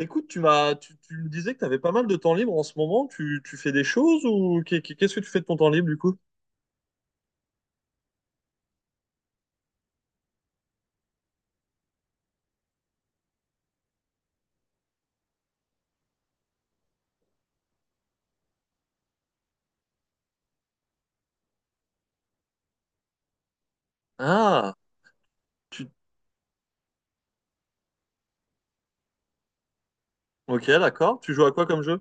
Écoute, tu me disais que tu avais pas mal de temps libre en ce moment. Tu fais des choses ou qu'est-ce que tu fais de ton temps libre du coup? Ah, tu... Ok, d'accord. Tu joues à quoi comme jeu?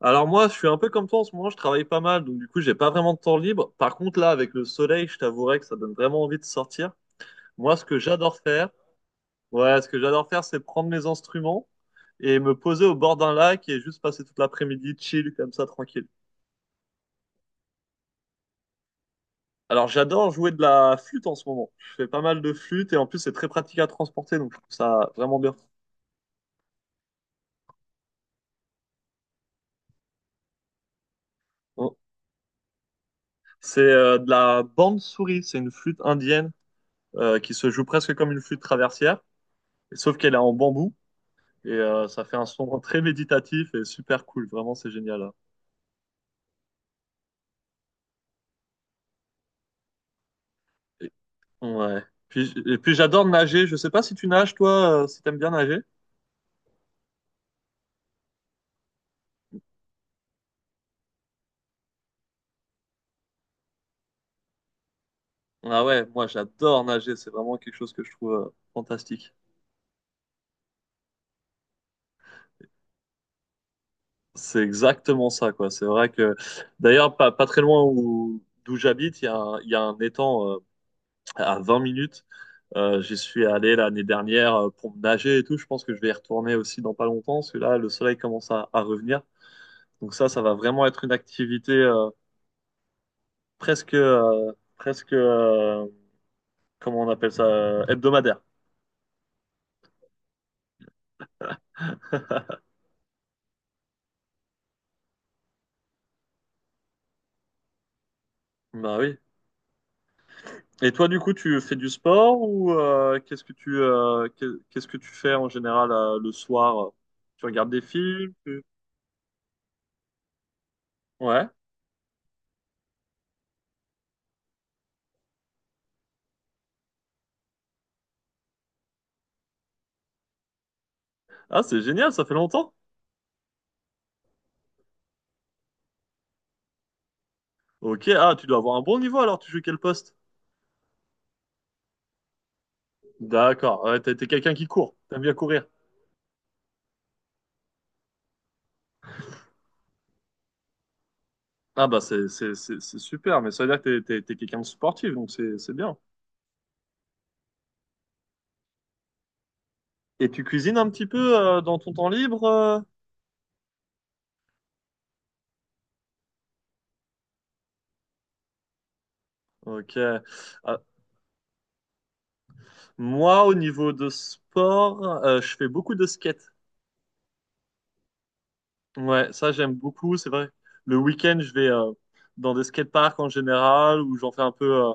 Alors moi, je suis un peu comme toi en ce moment. Je travaille pas mal, donc du coup, j'ai pas vraiment de temps libre. Par contre, là, avec le soleil, je t'avouerai que ça donne vraiment envie de sortir. Moi, ce que j'adore faire, ouais, ce que j'adore faire, c'est prendre mes instruments et me poser au bord d'un lac et juste passer toute l'après-midi chill comme ça, tranquille. Alors, j'adore jouer de la flûte en ce moment. Je fais pas mal de flûte et en plus, c'est très pratique à transporter, donc je trouve ça vraiment bien. Hein. C'est de la bande souris, c'est une flûte indienne qui se joue presque comme une flûte traversière, sauf qu'elle est en bambou et ça fait un son très méditatif et super cool. Vraiment, c'est génial, hein. Et- ouais. Puis, et puis, j'adore nager. Je sais pas si tu nages, toi, si t'aimes bien nager. Ah ouais, moi, j'adore nager. C'est vraiment quelque chose que je trouve fantastique. C'est exactement ça, quoi. C'est vrai que, d'ailleurs, pas très loin d'où j'habite, il y a un étang à 20 minutes. J'y suis allé l'année dernière pour me nager et tout. Je pense que je vais y retourner aussi dans pas longtemps, parce que là, le soleil commence à revenir. Donc ça va vraiment être une activité presque, presque, comment on appelle ça, hebdomadaire. Bah oui. Et toi, du coup, tu fais du sport ou qu'est-ce que qu'est-ce que tu fais en général le soir? Tu regardes des films? Ouais. Ah, c'est génial, ça fait longtemps. Ok, ah, tu dois avoir un bon niveau alors, tu joues quel poste? D'accord, ouais, t'es quelqu'un qui court, t'aimes bien courir. Ah bah c'est super, mais ça veut dire que t'es quelqu'un de sportif, donc c'est bien. Et tu cuisines un petit peu dans ton temps libre? Ok. Ah, moi, au niveau de sport, je fais beaucoup de skate. Ouais, ça j'aime beaucoup. C'est vrai. Le week-end, je vais dans des skateparks en général ou j'en fais un peu euh,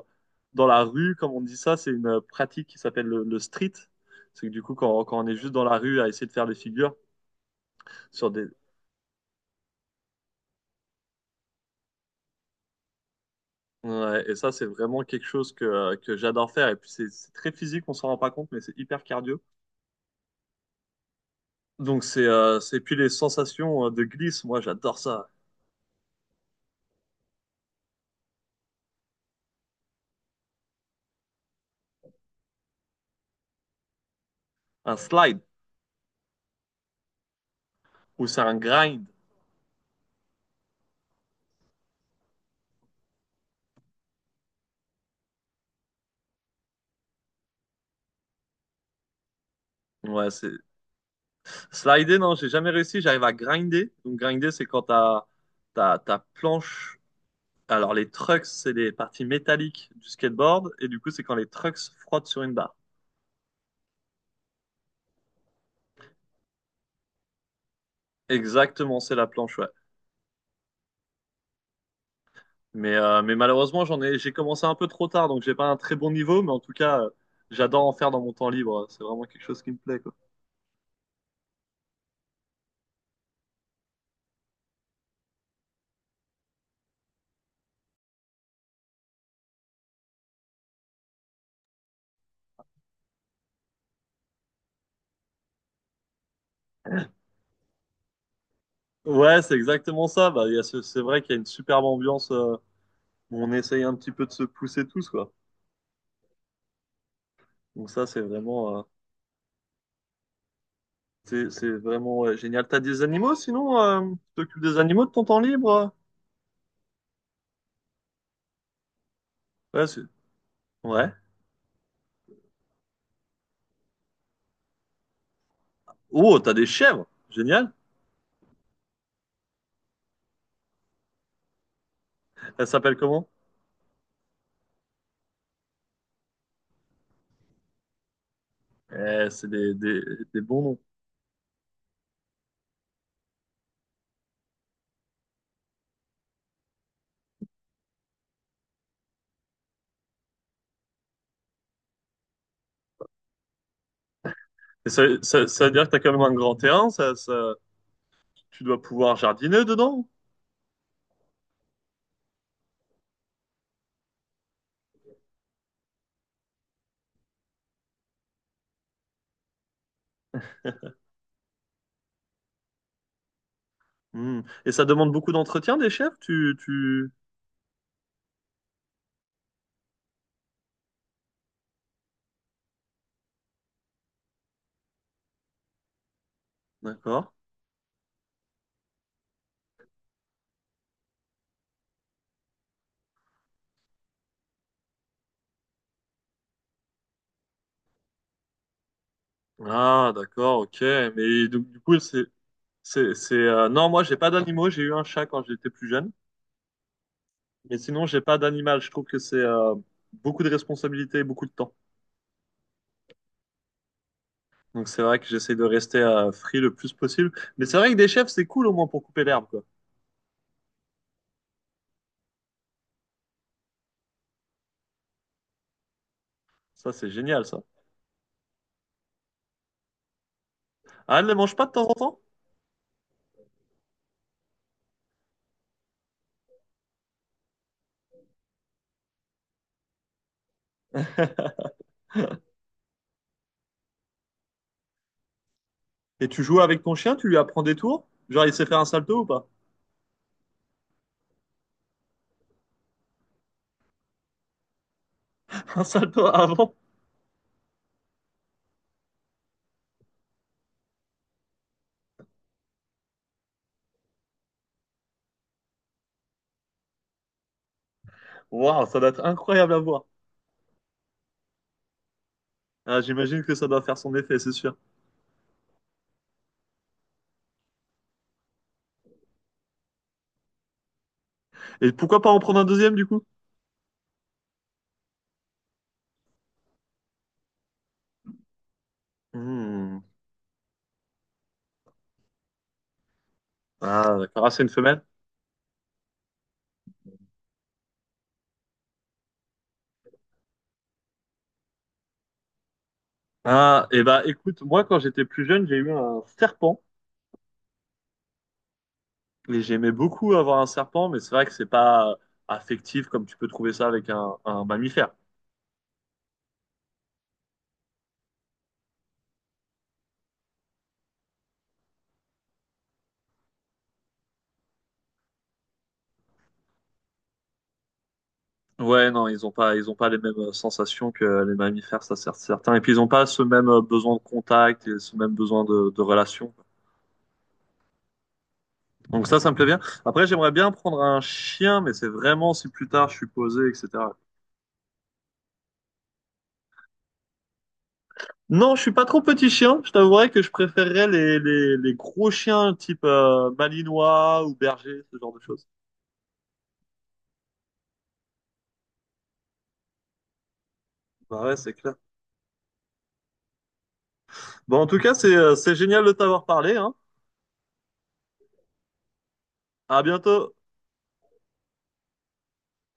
dans la rue, comme on dit ça. C'est une pratique qui s'appelle le street. C'est que du coup, quand on est juste dans la rue à essayer de faire des figures sur des. Ouais, et ça, c'est vraiment quelque chose que j'adore faire. Et puis, c'est très physique, on s'en rend pas compte, mais c'est hyper cardio. Donc, c'est puis les sensations de glisse. Moi, j'adore ça. Un slide ou c'est un grind. Ouais, c'est... Slider, non, j'ai jamais réussi. J'arrive à grinder. Donc, grinder, c'est quand ta planche. Alors, les trucks, c'est les parties métalliques du skateboard. Et du coup, c'est quand les trucks frottent sur une barre. Exactement, c'est la planche, ouais. Mais malheureusement, j'ai commencé un peu trop tard. Donc, j'ai pas un très bon niveau. Mais en tout cas, j'adore en faire dans mon temps libre. C'est vraiment quelque chose qui me plaît, quoi. Ouais, c'est exactement ça. Bah, il y a ce- c'est vrai qu'il y a une superbe ambiance, où on essaye un petit peu de se pousser tous, quoi. Donc, ça, c'est vraiment. C'est vraiment ouais, génial. T'as des animaux sinon? Tu t'occupes des animaux de ton temps libre, euh? Ouais, c'est... ouais. Oh, t'as des chèvres! Génial! Elles s'appellent comment? Eh, des bons noms. Et ça veut dire que t'as quand même un grand terrain, tu dois pouvoir jardiner dedans. Hmm. Et ça demande beaucoup d'entretien des chèvres, tu... D'accord. Ah, d'accord, ok. Mais donc, du coup, non, moi, j'ai pas d'animaux, j'ai eu un chat quand j'étais plus jeune. Mais sinon, j'ai pas d'animal. Je trouve que c'est beaucoup de responsabilités et beaucoup de temps. Donc c'est vrai que j'essaie de rester free le plus possible. Mais c'est vrai que des chefs, c'est cool au moins pour couper l'herbe, quoi. Ça, c'est génial, ça. Ah, elle ne mange pas de temps en temps? Et tu joues avec ton chien, tu lui apprends des tours? Genre, il sait faire un salto ou pas? Un salto avant? Waouh, ça doit être incroyable à voir. Ah, j'imagine que ça doit faire son effet, c'est sûr. Et pourquoi pas en prendre un deuxième, du coup? Hmm. Ah, d'accord. Ah, c'est une femelle? Ah, et bah écoute, moi, quand j'étais plus jeune, j'ai eu un serpent. Et j'aimais beaucoup avoir un serpent, mais c'est vrai que c'est pas affectif comme tu peux trouver ça avec un mammifère. Ouais, non, ils ont pas les mêmes sensations que les mammifères, ça c'est certain. Et puis ils ont pas ce même besoin de contact et ce même besoin de relation. Donc ça me plaît bien. Après, j'aimerais bien prendre un chien, mais c'est vraiment si plus tard je suis posé, etc. Non, je suis pas trop petit chien. Je t'avouerais que je préférerais les gros chiens type malinois ou berger, ce genre de choses. Bah ouais, c'est clair. Bon, en tout cas, c'est génial de t'avoir parlé, hein. À bientôt.